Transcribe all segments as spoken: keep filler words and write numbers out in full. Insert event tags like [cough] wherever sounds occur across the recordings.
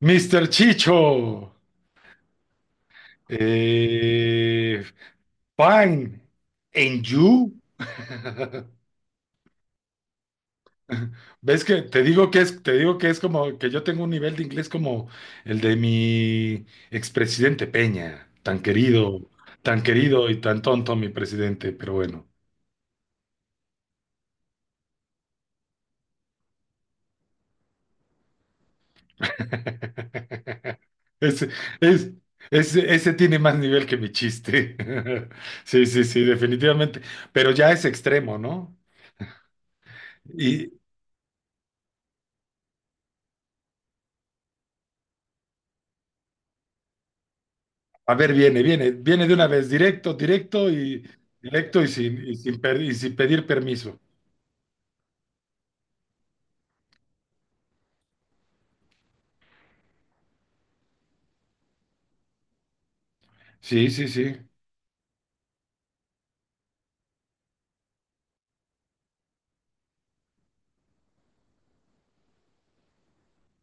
míster Chicho. eh, Fine, and you. [laughs] ¿Ves que te digo que es, te digo que es como que yo tengo un nivel de inglés como el de mi expresidente Peña, tan querido, tan querido y tan tonto mi presidente, pero bueno. [laughs] Ese, es- ese, ese tiene más nivel que mi chiste. [laughs] Sí, sí, sí, definitivamente. Pero ya es extremo, ¿no? Y a ver, viene, viene, viene de una vez, directo, directo y directo y sin, y sin, per- y sin pedir permiso. Sí, sí, sí,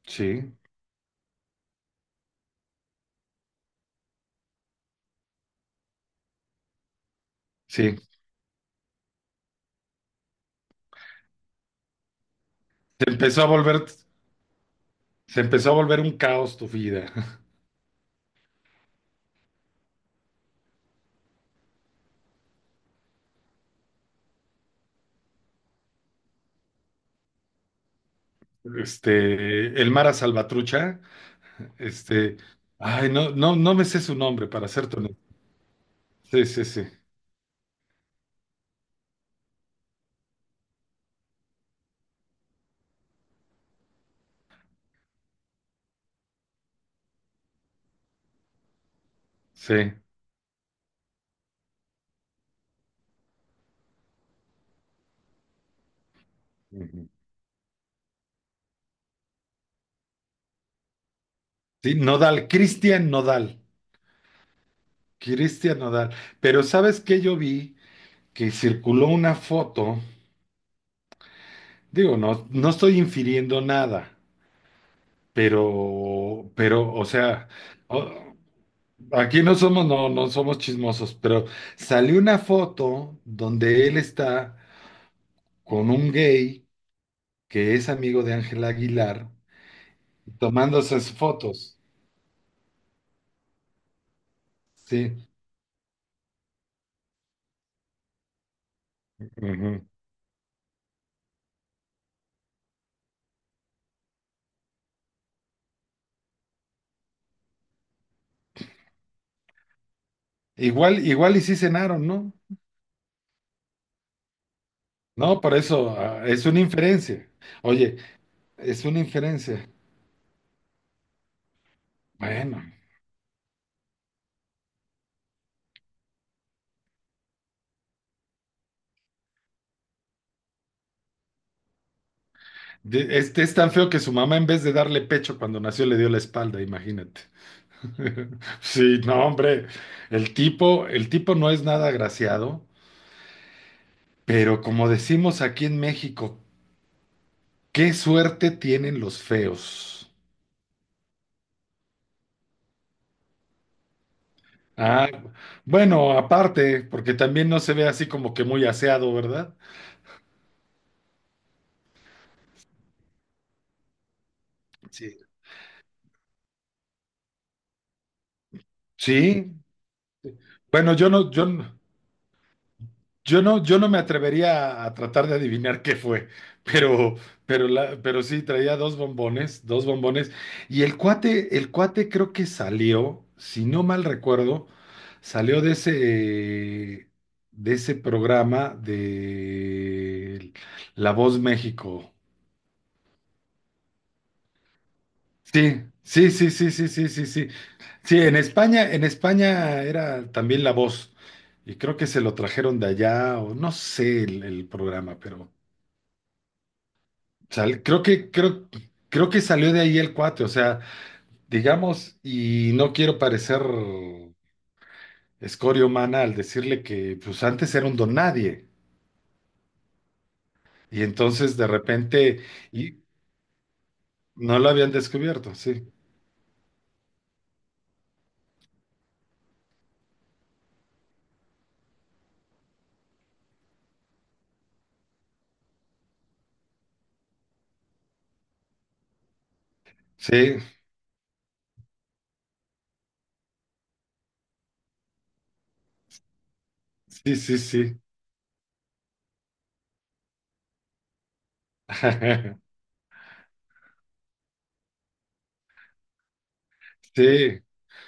sí, sí. Se empezó a volver, se empezó a volver un caos tu vida. [laughs] Este, el Mara Salvatrucha, este, ay, no, no, no me sé su nombre, para ser honesto. Sí, sí, sí, sí. Ujú. Sí, Nodal, Cristian Nodal, Cristian Nodal. Pero ¿sabes qué yo vi? Que circuló una foto. Digo, no, no estoy infiriendo nada, pero, pero, o sea, o- aquí no somos, no, no somos chismosos, pero salió una foto donde él está con un gay que es amigo de Ángela Aguilar tomándose sus fotos, sí. Ujú. Igual, igual y sí cenaron, ¿no? No, por eso, ah, es una inferencia. Oye, es una inferencia. Bueno. De- Este es tan feo que su mamá, en vez de darle pecho cuando nació, le dio la espalda, imagínate. [laughs] Sí, no, hombre. El tipo, el tipo no es nada agraciado, pero como decimos aquí en México, qué suerte tienen los feos. Ah, bueno, aparte, porque también no se ve así como que muy aseado, ¿verdad? Sí. Sí. Bueno, yo no, yo no. Yo no, yo no me atrevería a tratar de adivinar qué fue, pero, pero, la, pero sí, traía dos bombones, dos bombones. Y el cuate, el cuate creo que salió, si no mal recuerdo, salió de ese, de ese programa de La Voz México. Sí, sí, sí, sí, sí, sí, sí, sí. Sí, en España, en España era también La Voz. Y creo que se lo trajeron de allá, o no sé el, el programa, pero. Sal- creo que, creo, creo que salió de ahí el cuate, o sea, digamos, y no quiero parecer escoria humana al decirle que pues antes era un don nadie, y entonces de repente, y no lo habían descubierto, sí, sí, sí, sí, sí, [laughs] sí.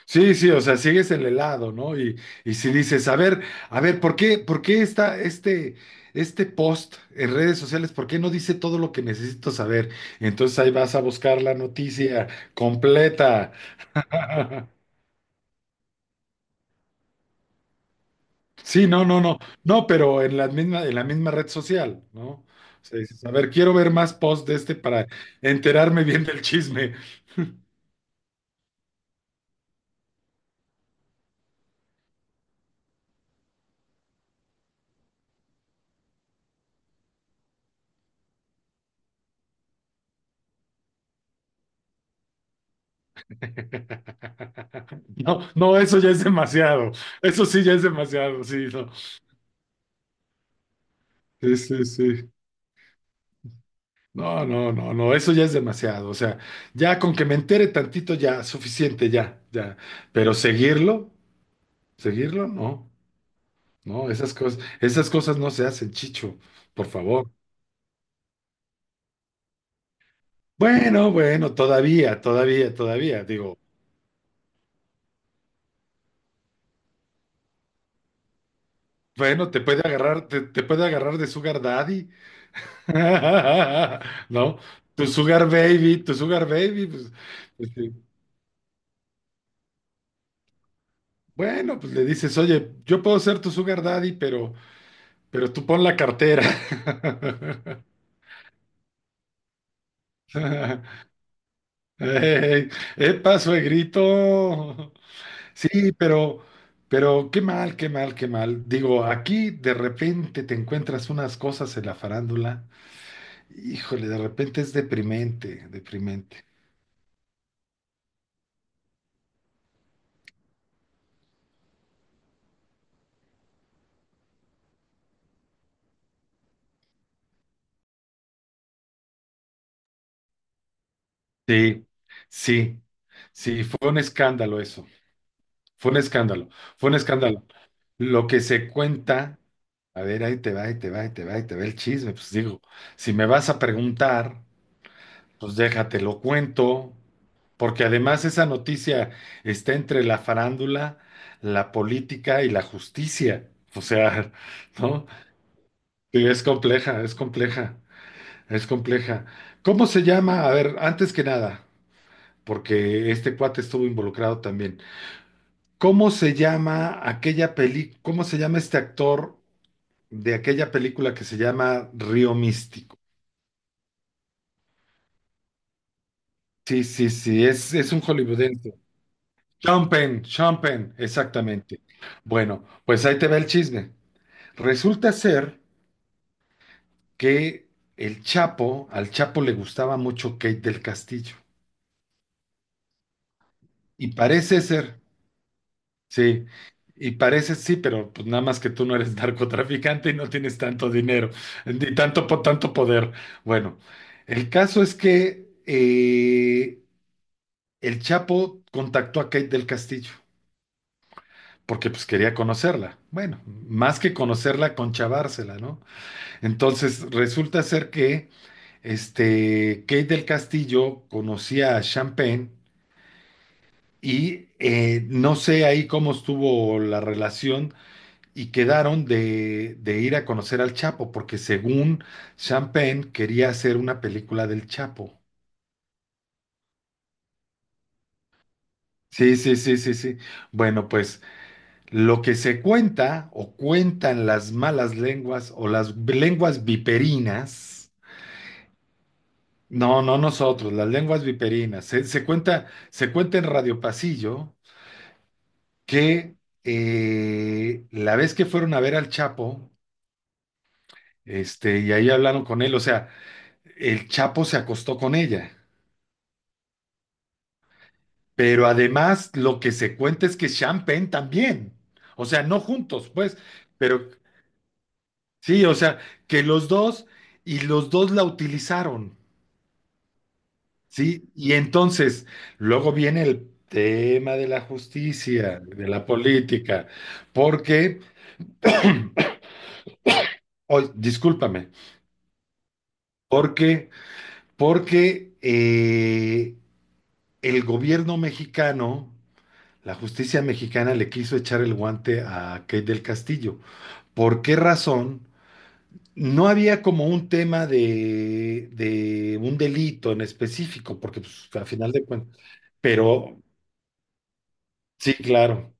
Sí, sí, o sea, sigues en el helado, ¿no? Y, y si dices, a ver, a ver, ¿por qué, por qué está este, este post en redes sociales? ¿Por qué no dice todo lo que necesito saber? Entonces ahí vas a buscar la noticia completa. [laughs] Sí, no, no, no, no, pero en la misma, en la misma red social, ¿no? O sea, dices, a ver, quiero ver más posts de este para enterarme bien del chisme. [laughs] No, no, eso ya es demasiado. Eso sí ya es demasiado, sí, no. Sí, sí, sí. No, no, no, no, eso ya es demasiado. O sea, ya con que me entere tantito, ya, suficiente, ya, ya. Pero seguirlo, seguirlo, no, no, esas cosas, esas cosas no se hacen, Chicho, por favor. Bueno, bueno, todavía, todavía, todavía, digo, bueno, te puede agarrar, te, te puede agarrar de Sugar Daddy, [laughs] ¿no? Tu Sugar Baby, tu Sugar Baby, pues, este, bueno, pues le dices, oye, yo puedo ser tu Sugar Daddy, pero. Pero tú pon la cartera. [laughs] Ey, ¡Epa, suegrito! Sí, pero, pero qué mal, qué mal, qué mal. Digo, aquí de repente te encuentras unas cosas en la farándula. Híjole, de repente es deprimente, deprimente. Sí, sí, sí, fue un escándalo eso. Fue un escándalo, fue un escándalo. Lo que se cuenta, a ver, ahí te va, ahí te va, ahí te va, ahí te va el chisme. Pues digo, si me vas a preguntar. Pues déjate, lo cuento, porque además esa noticia está entre la farándula, la política y la justicia. O sea, [laughs] ¿no? Sí, es compleja, es compleja, es compleja. ¿Cómo se llama? A ver, antes que nada, porque este cuate estuvo involucrado también. ¿Cómo se llama aquella peli, cómo se llama este actor de aquella película que se llama Río Místico? Sí, sí, sí, es, es un hollywoodense. Sean Penn, exactamente. Bueno, pues ahí te va el chisme. Resulta ser que el Chapo, al Chapo le gustaba mucho Kate del Castillo. Y parece ser, sí, y parece sí, pero pues nada más que tú no eres [laughs] narcotraficante y no tienes tanto dinero, ni tanto, po- tanto poder. Bueno, el caso es que eh, el Chapo contactó a Kate del Castillo, porque pues quería conocerla. Bueno, más que conocerla, conchavársela, ¿no? Entonces, resulta ser que este, Kate del Castillo conocía a Champagne y eh, no sé ahí cómo estuvo la relación y quedaron de, de ir a conocer al Chapo, porque según Champagne quería hacer una película del Chapo. Sí, sí, sí, sí, sí. Bueno, pues lo que se cuenta o cuentan las malas lenguas o las lenguas viperinas. No, no nosotros, las lenguas viperinas. Se, se cuenta, se cuenta en Radio Pasillo que eh, la vez que fueron a ver al Chapo, este, y ahí hablaron con él, o sea, el Chapo se acostó con ella. Pero además lo que se cuenta es que Sean Penn también. O sea, no juntos, pues, pero sí, o sea, que los dos y los dos la utilizaron. Sí, y entonces luego viene el tema de la justicia, de la política, porque, [clears throat] oy, discúlpame, porque, porque eh, el gobierno mexicano, la justicia mexicana le quiso echar el guante a Kate del Castillo. ¿Por qué razón? No había como un tema de, de un delito en específico, porque pues, a final de cuentas, pero sí, claro.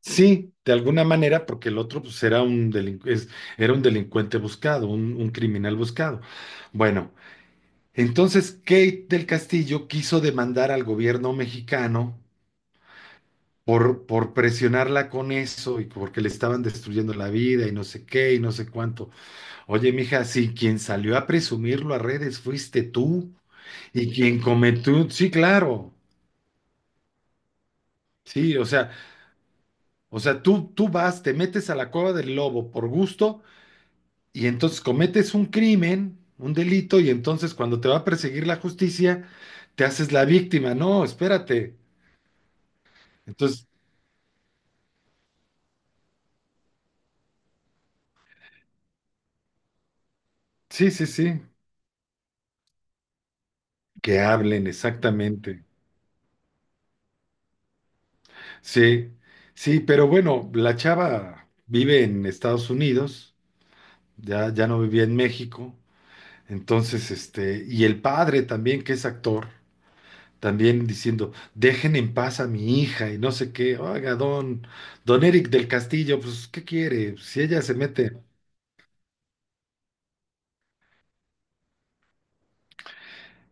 Sí, de alguna manera, porque el otro pues, era un delincu- es- era un delincuente buscado, un, un criminal buscado. Bueno, entonces Kate del Castillo quiso demandar al gobierno mexicano por, por presionarla con eso y porque le estaban destruyendo la vida y no sé qué y no sé cuánto. Oye, mija, si quien salió a presumirlo a redes fuiste tú y quien cometió, sí, claro, sí, o sea, o sea, tú, tú vas, te metes a la cueva del lobo por gusto. Y entonces cometes un crimen, un delito, y entonces cuando te va a perseguir la justicia, te haces la víctima. No, espérate. Entonces, sí, sí, sí, que hablen exactamente. Sí, sí, pero bueno, la chava vive en Estados Unidos, ya, ya no vivía en México. Entonces, este, y el padre también, que es actor, también diciendo, dejen en paz a mi hija y no sé qué. Oiga, don, don Eric del Castillo, pues, ¿qué quiere? Si ella se mete.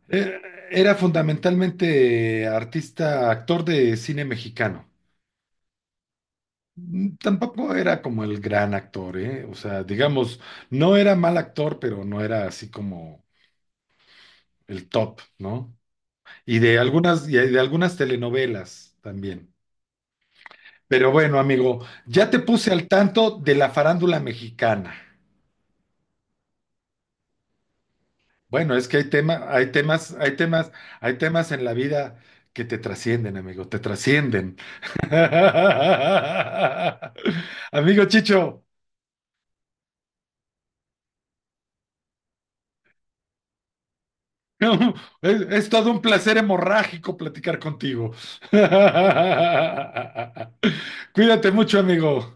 Eh, Era fundamentalmente artista, actor de cine mexicano. Mm, tampoco era como el gran actor, ¿eh? O sea, digamos, no era mal actor, pero no era así como el top, ¿no? Y de algunas, y de algunas telenovelas también. Pero bueno, amigo, ya te puse al tanto de la farándula mexicana. Bueno, es que hay tema, hay temas, hay temas, hay temas en la vida que te trascienden, amigo, te trascienden. [laughs] Amigo Chicho, [laughs] es, es todo un placer hemorrágico platicar contigo. [laughs] Cuídate mucho, amigo.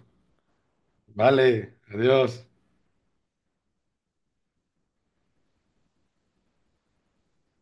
Vale, adiós.